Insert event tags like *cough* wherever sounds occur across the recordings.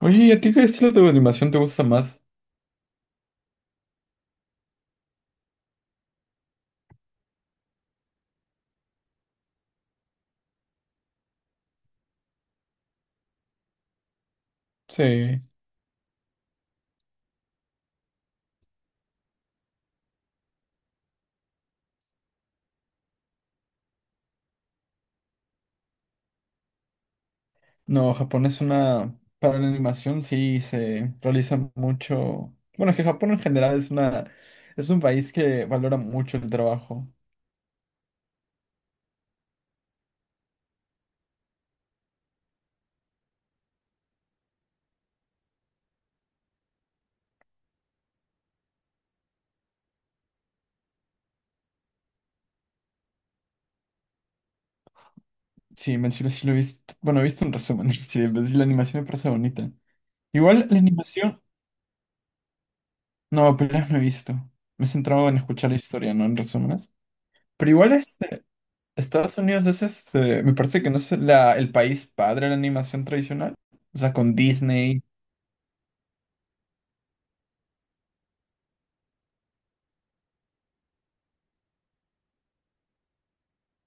Oye, ¿y a ti qué estilo de animación te gusta más? Sí. No, Japón es una... Para la animación sí se realiza mucho... Bueno, es que Japón en general es una... Es un país que valora mucho el trabajo. Sí, en sí lo he visto... Bueno, he visto un resumen. *laughs* Sí, en sí la animación me parece bonita. Igual la animación... No, peleas no he visto. Me he centrado en escuchar la historia, no en resúmenes. Pero igual este... Estados Unidos es este... Me parece que no es el país padre de la animación tradicional. O sea, con Disney.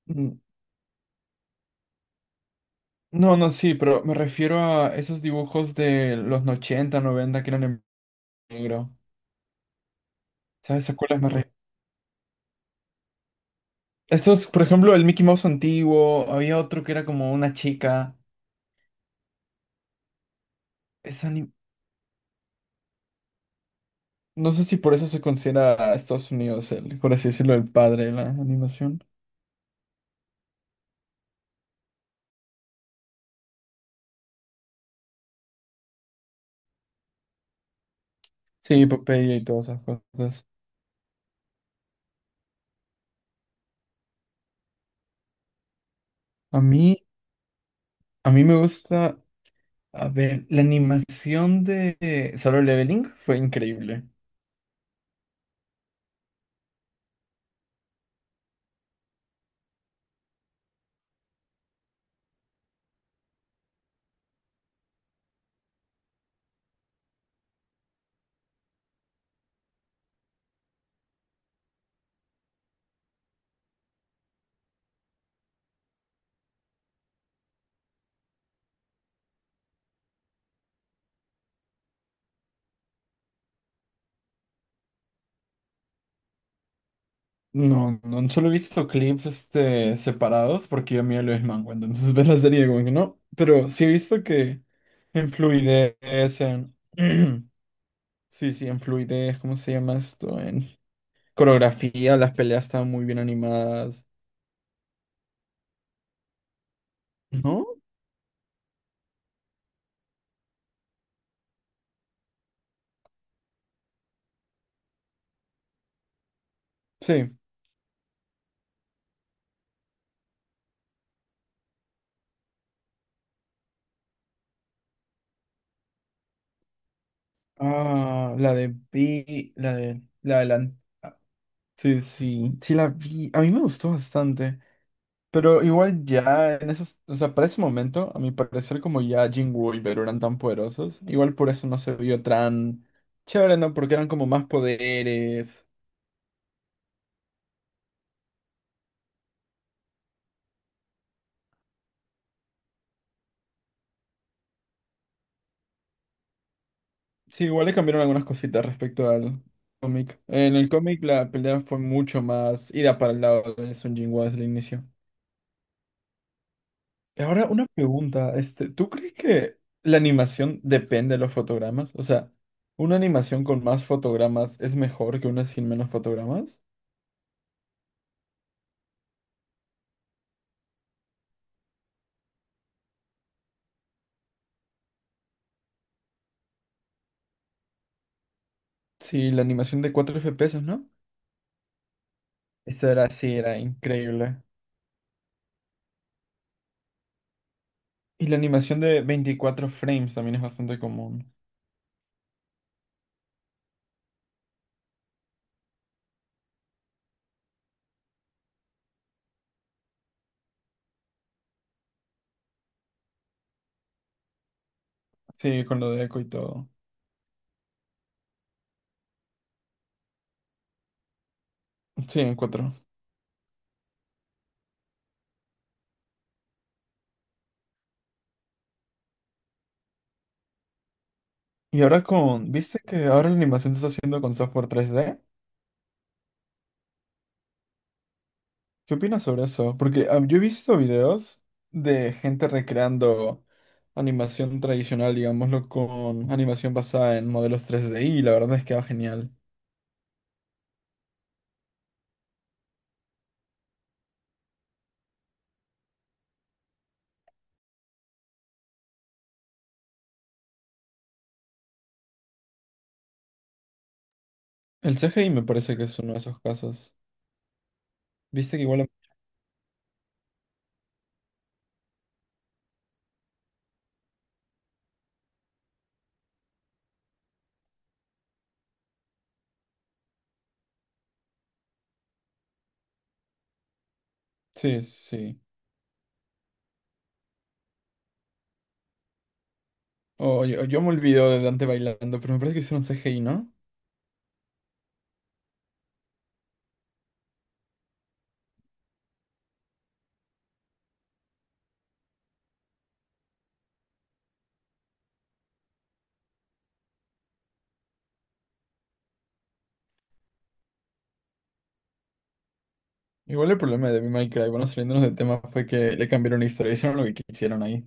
Mm. No, no, sí, pero me refiero a esos dibujos de los 80, 90 que eran en negro. ¿Sabes a cuáles me refiero? Estos, por ejemplo, el Mickey Mouse antiguo, había otro que era como una chica. Es ani- No sé si por eso se considera a Estados Unidos el, por así decirlo, el padre de la animación. Sí, Popeye y todas esas cosas. A mí, a mí me gusta, a ver, la animación de Solo Leveling fue increíble. No, no, solo he visto clips este, separados porque yo miro lo es manga, entonces *laughs* ves la serie como que no, pero sí he visto que en fluidez, en... *clears throat* Sí, sí, en fluidez, ¿cómo se llama esto? En coreografía, las peleas están muy bien animadas, ¿no? Sí. Ah, la de Vi, la de... La de la... Sí, sí, sí la vi, a mí me gustó bastante. Pero igual ya en esos, o sea, para ese momento, a mi parecer, como ya Jinwoo y Beru eran tan poderosos, igual por eso no se vio tan chévere, ¿no? Porque eran como más poderes. Sí, igual le cambiaron algunas cositas respecto al cómic. En el cómic la pelea fue mucho más ida para el lado de Sun Jinwoo desde el inicio. Y ahora una pregunta, este, ¿tú crees que la animación depende de los fotogramas? O sea, ¿una animación con más fotogramas es mejor que una sin menos fotogramas? Sí, la animación de 4 FPS, ¿no? Eso era, sí, era increíble. Y la animación de 24 frames también es bastante común. Sí, con lo de Echo y todo. Sí, en cuatro. Y ahora con, ¿viste que ahora la animación se está haciendo con software 3D? ¿Qué opinas sobre eso? Porque yo he visto videos de gente recreando animación tradicional, digámoslo, con animación basada en modelos 3D y la verdad es que va genial. El CGI me parece que es uno de esos casos. ¿Viste que igual... Sí, sí. Oh, yo me olvido de Dante bailando, pero me parece que hicieron CGI, ¿no? Igual el problema de Devil May Cry, bueno, saliéndonos del tema, fue que le cambiaron la historia, hicieron lo que quisieron ahí.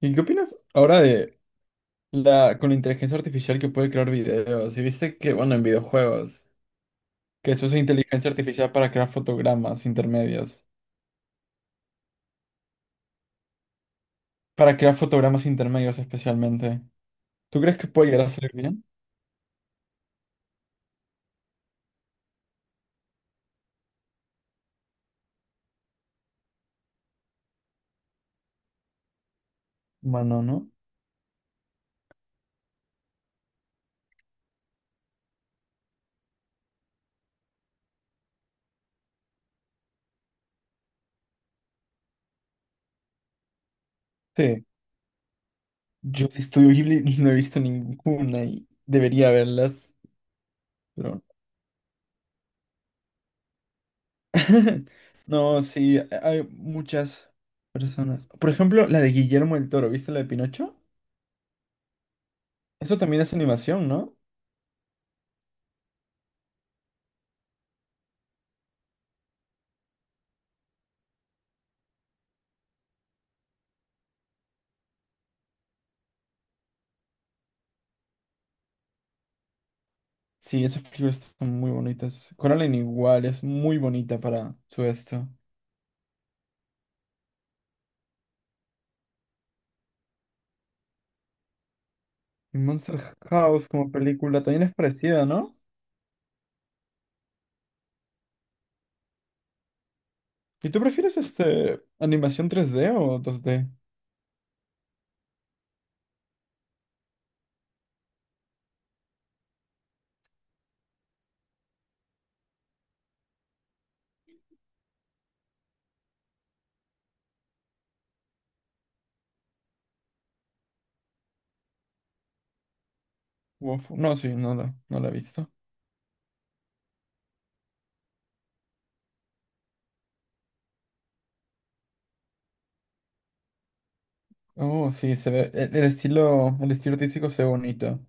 ¿Y qué opinas ahora de la con la inteligencia artificial que puede crear videos? Y viste que, bueno, en videojuegos, que se usa inteligencia artificial para crear fotogramas intermedios, para crear fotogramas intermedios especialmente. ¿Tú crees que puede llegar a salir bien? Bueno, ¿no? Sí. Yo estudio Ghibli y no he visto ninguna y debería verlas. Pero *laughs* no, sí, hay muchas personas. Por ejemplo, la de Guillermo el Toro, ¿viste la de Pinocho? Eso también es animación, ¿no? Sí, esas películas están muy bonitas. Coraline igual, es muy bonita para su esto. Y Monster House como película también es parecida, ¿no? ¿Y tú prefieres este animación 3D o 2D? Uf, no, sí, no la he visto. Oh, sí, se ve, el estilo, el estilo artístico se ve bonito.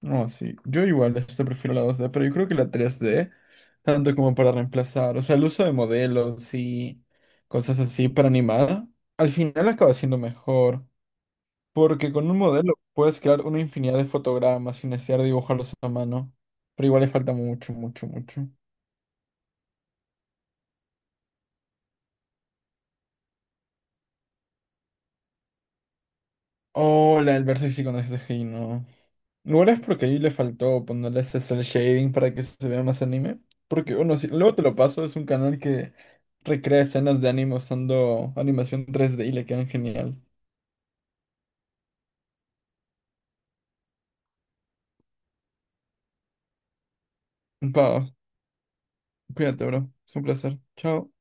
No, sí. Yo igual este prefiero la 2D, pero yo creo que la 3D tanto como para reemplazar, o sea, el uso de modelos y cosas así para animar, al final acaba siendo mejor, porque con un modelo puedes crear una infinidad de fotogramas sin necesidad de dibujarlos a mano, pero igual le falta mucho, mucho, mucho. Oh, la del Versace con el CGI, no. ¿No es porque ahí le faltó ponerle ese cel shading para que se vea más anime? Porque, bueno, sí, luego te lo paso, es un canal que recrea escenas de anime usando animación 3D y le quedan genial. Pa, cuídate, bro. Es un placer. Chao.